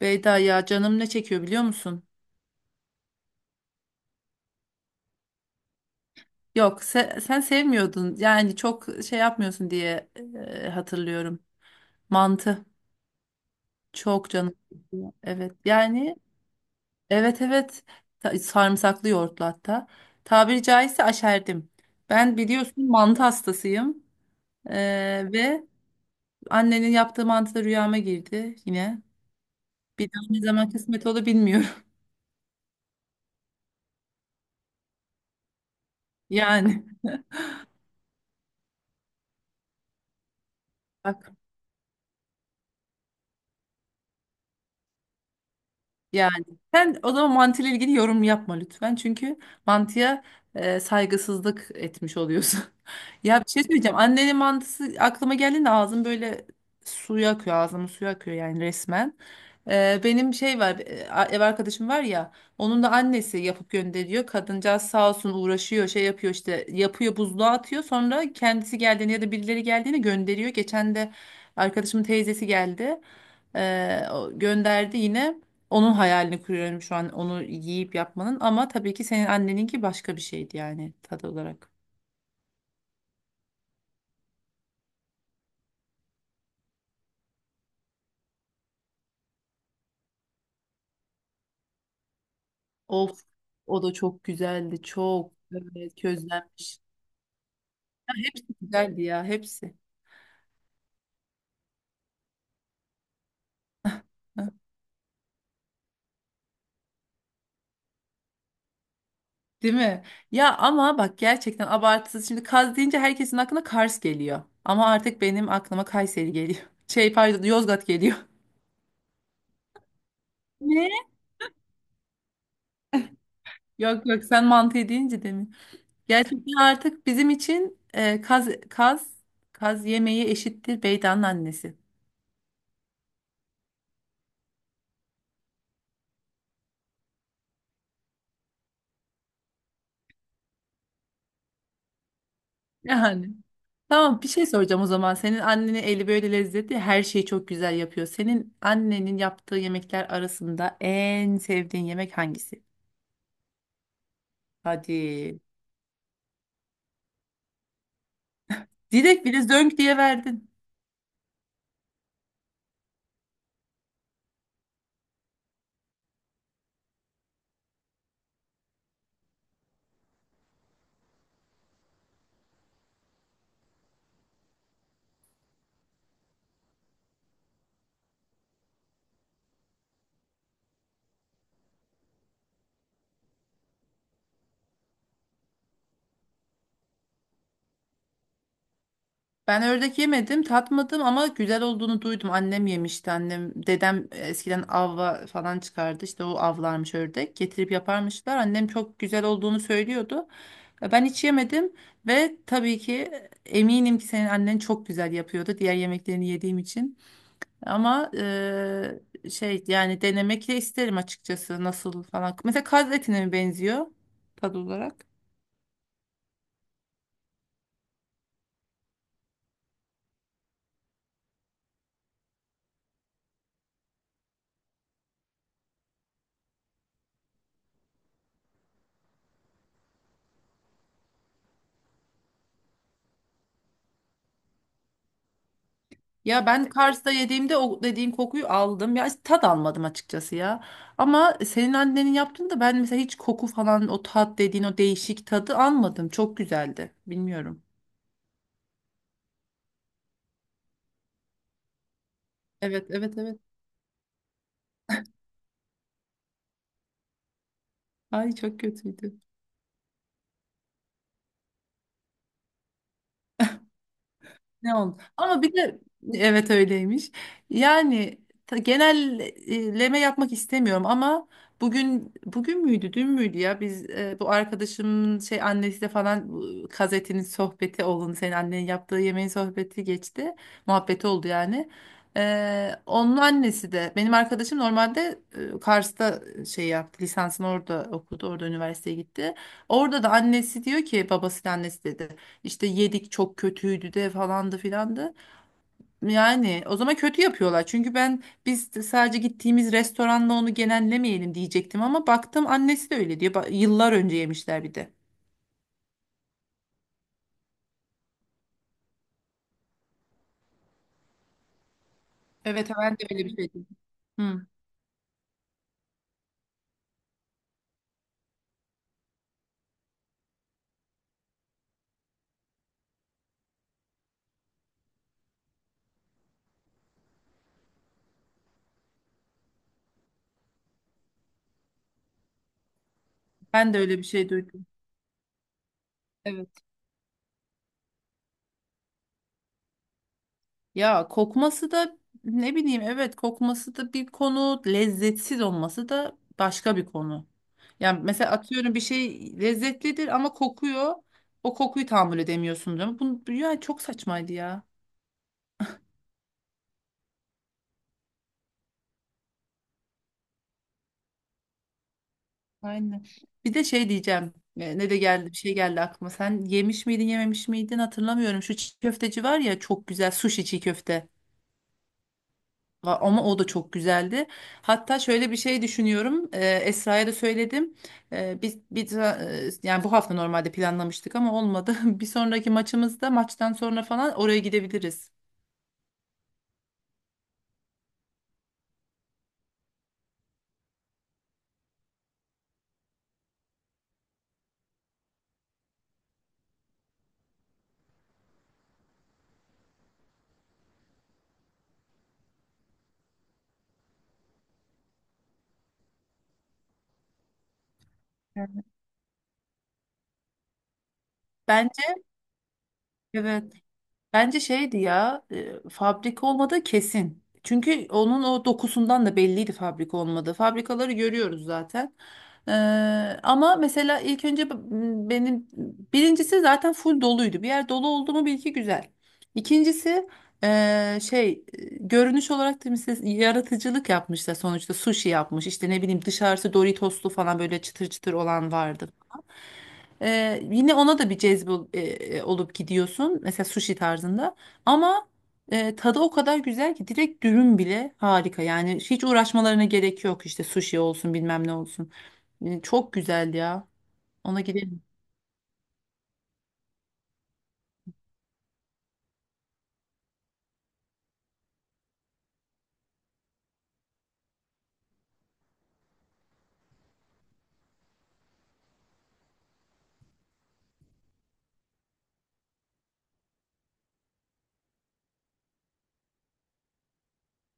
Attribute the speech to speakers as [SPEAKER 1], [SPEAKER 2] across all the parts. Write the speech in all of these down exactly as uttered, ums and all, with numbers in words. [SPEAKER 1] Beyda ya canım ne çekiyor biliyor musun? Yok se- sen sevmiyordun yani çok şey yapmıyorsun diye e, hatırlıyorum. Mantı çok canım çekiyor. Evet yani evet evet. Ta- sarımsaklı yoğurtlu hatta. Tabiri caizse aşerdim. Ben biliyorsun mantı hastasıyım. E, Ve annenin yaptığı mantı da rüyama girdi yine. Bir daha ne zaman kısmet olur bilmiyorum. Yani bak. Yani sen o zaman mantıyla ilgili yorum yapma lütfen. Çünkü mantıya e, saygısızlık etmiş oluyorsun. Ya bir şey söyleyeceğim. Annenin mantısı aklıma geldiğinde ağzım böyle suya akıyor. Ağzımın suyu akıyor yani resmen. E, benim şey var, e, a- ev arkadaşım var ya, onun da annesi yapıp gönderiyor. Kadıncağız sağ olsun uğraşıyor şey yapıyor işte yapıyor buzluğa atıyor. Sonra kendisi geldiğinde ya da birileri geldiğinde gönderiyor. Geçen de arkadaşımın teyzesi geldi. E, o gönderdi yine. Onun hayalini kuruyorum şu an onu yiyip yapmanın, ama tabii ki senin anneninki başka bir şeydi yani tadı olarak. Of, o da çok güzeldi çok, evet, közlenmiş. Hepsi güzeldi ya hepsi. Heh. Değil mi? Ya ama bak gerçekten abartısız, şimdi kaz deyince herkesin aklına Kars geliyor. Ama artık benim aklıma Kayseri geliyor. Şey pardon, Yozgat geliyor. Ne? Yok yok, sen mantı deyince demin. Gerçekten artık bizim için e, kaz, kaz, kaz yemeği eşittir Beydan'ın annesi. Yani. Tamam bir şey soracağım o zaman. Senin annenin eli böyle lezzetli, her şeyi çok güzel yapıyor. Senin annenin yaptığı yemekler arasında en sevdiğin yemek hangisi? Hadi. Direkt bile zönk diye verdin. Ben ördek yemedim, tatmadım ama güzel olduğunu duydum. Annem yemişti. Annem, dedem e, eskiden avla falan çıkardı. İşte o avlarmış ördek. Getirip yaparmışlar. Annem çok güzel olduğunu söylüyordu. E, Ben hiç yemedim ve tabii ki e, eminim ki senin annen çok güzel yapıyordu, diğer yemeklerini yediğim için. Ama e, şey, yani denemek de isterim açıkçası nasıl falan. Mesela kaz etine mi benziyor tadı olarak? Ya ben Kars'ta yediğimde o dediğin kokuyu aldım. Ya tat almadım açıkçası ya. Ama senin annenin yaptığında ben mesela hiç koku falan, o tat dediğin o değişik tadı almadım. Çok güzeldi. Bilmiyorum. Evet evet evet. Ay çok kötüydü. Ne oldu? Ama bir de evet, öyleymiş. Yani ta- genelleme yapmak istemiyorum ama bugün bugün müydü, dün müydü, ya biz e, bu arkadaşımın şey annesiyle falan bu gazetenin sohbeti oldu. Senin annenin yaptığı yemeğin sohbeti geçti. Muhabbeti oldu yani. E, onun annesi de benim arkadaşım normalde e, Kars'ta şey yaptı. Lisansını orada okudu. Orada üniversiteye gitti. Orada da annesi diyor ki, babasıyla annesi dedi. İşte yedik çok kötüydü de falandı filandı. Yani o zaman kötü yapıyorlar. Çünkü ben, biz de sadece gittiğimiz restoranla onu genellemeyelim diyecektim ama baktım annesi de öyle diyor. Ba- Yıllar önce yemişler bir de. Evet ben de öyle bir şey duydum. Hı, ben de öyle bir şey duydum. Evet. Ya kokması da ne bileyim, evet, kokması da bir konu, lezzetsiz olması da başka bir konu. Yani mesela atıyorum bir şey lezzetlidir ama kokuyor. O kokuyu tahammül edemiyorsun değil mi? Bunu, yani çok saçmaydı ya. Aynen. Bir de şey diyeceğim. e, Ne de geldi, bir şey geldi aklıma. Sen yemiş miydin yememiş miydin hatırlamıyorum. Şu çiğ köfteci var ya çok güzel, sushi çiğ köfte. Va- Ama o da çok güzeldi. Hatta şöyle bir şey düşünüyorum. e, Esra'ya da söyledim. E, Biz, biz e, yani bu hafta normalde planlamıştık ama olmadı. Bir sonraki maçımızda maçtan sonra falan oraya gidebiliriz. Evet. Bence evet. Bence şeydi ya, e, fabrika olmadığı kesin. Çünkü onun o dokusundan da belliydi fabrika olmadığı. Fabrikaları görüyoruz zaten. Ee, Ama mesela ilk önce b- m, benim birincisi zaten full doluydu. Bir yer dolu oldu mu bil ki güzel. İkincisi e, şey e, görünüş olarak da mesela yaratıcılık yapmışlar, sonuçta sushi yapmış. İşte ne bileyim, dışarısı Doritoslu falan böyle çıtır çıtır olan vardı. Ee, yine ona da bir cezbe ol- e, e, olup gidiyorsun. Mesela sushi tarzında. Ama e, tadı o kadar güzel ki direkt dürüm bile harika. Yani hiç uğraşmalarına gerek yok işte, sushi olsun bilmem ne olsun. E, çok güzel ya. Ona gidelim.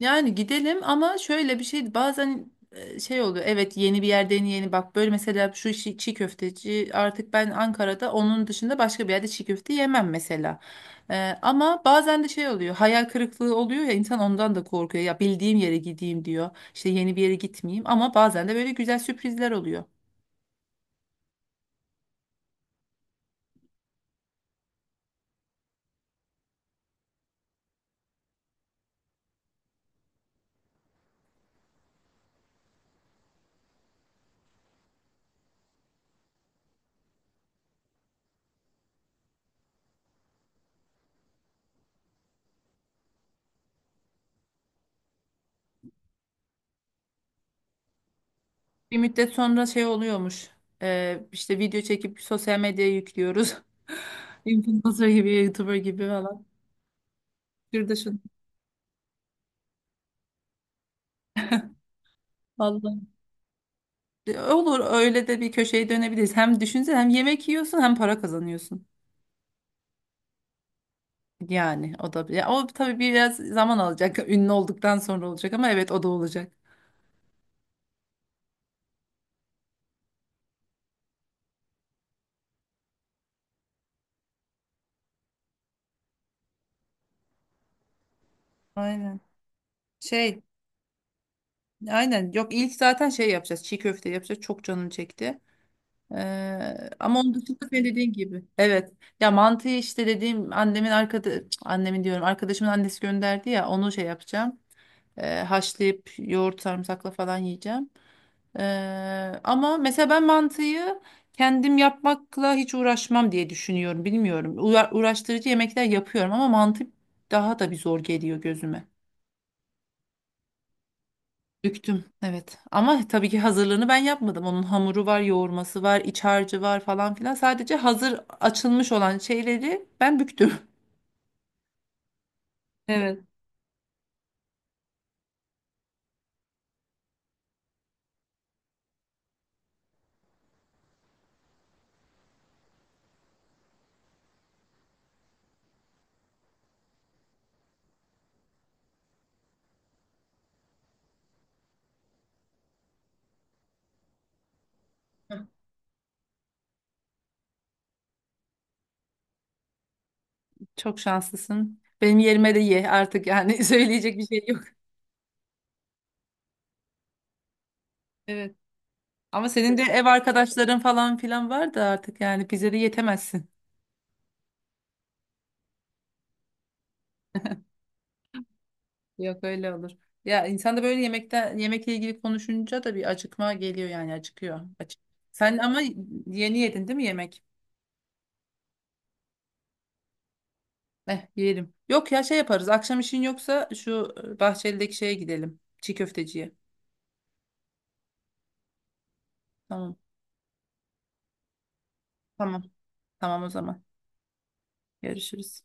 [SPEAKER 1] Yani gidelim, ama şöyle bir şey bazen e, şey oluyor. Evet yeni bir yerde, yeni yeni bak böyle, mesela şu şi- çiğ köfteci, artık ben Ankara'da onun dışında başka bir yerde çiğ köfte yemem mesela. E, Ama bazen de şey oluyor, hayal kırıklığı oluyor ya, insan ondan da korkuyor. Ya bildiğim yere gideyim diyor, işte yeni bir yere gitmeyeyim, ama bazen de böyle güzel sürprizler oluyor. Bir müddet sonra şey oluyormuş, e, işte video çekip sosyal medyaya yüklüyoruz. Influencer gibi, YouTuber gibi falan. Şurada şunu. Vallahi. E, Olur, öyle de bir köşeye dönebiliriz. Hem düşünsene, hem yemek yiyorsun hem para kazanıyorsun. Yani o da, ya o tabii biraz zaman alacak. Ünlü olduktan sonra olacak ama evet, o da olacak. Aynen. Şey, aynen. Yok, ilk zaten şey yapacağız. Çiğ köfte yapacağız. Çok canım çekti. Ee, ama onun dışında senin dediğin gibi. Evet. Ya mantıyı işte, dediğim annemin arkada, annemin diyorum, arkadaşımın annesi gönderdi ya, onu şey yapacağım. Ee, haşlayıp yoğurt sarımsakla falan yiyeceğim. Ee, ama mesela ben mantıyı kendim yapmakla hiç uğraşmam diye düşünüyorum. Bilmiyorum. Uğra- uğraştırıcı yemekler yapıyorum ama mantı daha da bir zor geliyor gözüme. Büktüm. Evet. Ama tabii ki hazırlığını ben yapmadım. Onun hamuru var, yoğurması var, iç harcı var falan filan. Sadece hazır açılmış olan şeyleri ben büktüm. Evet. Çok şanslısın. Benim yerime de ye artık yani söyleyecek bir şey yok. Evet. Ama senin de ev arkadaşların falan filan var da artık yani bize de yetemezsin. Yok öyle olur. Ya insan da böyle yemekten, yemekle ilgili konuşunca da bir acıkma geliyor yani, acıkıyor. Acık. Sen ama yeni yedin değil mi yemek? Eh yiyelim. Yok ya şey yaparız. Akşam işin yoksa şu e, Bahçeli'deki şeye gidelim. Çiğ köfteciye. Tamam. Tamam. Tamam o zaman. Görüşürüz.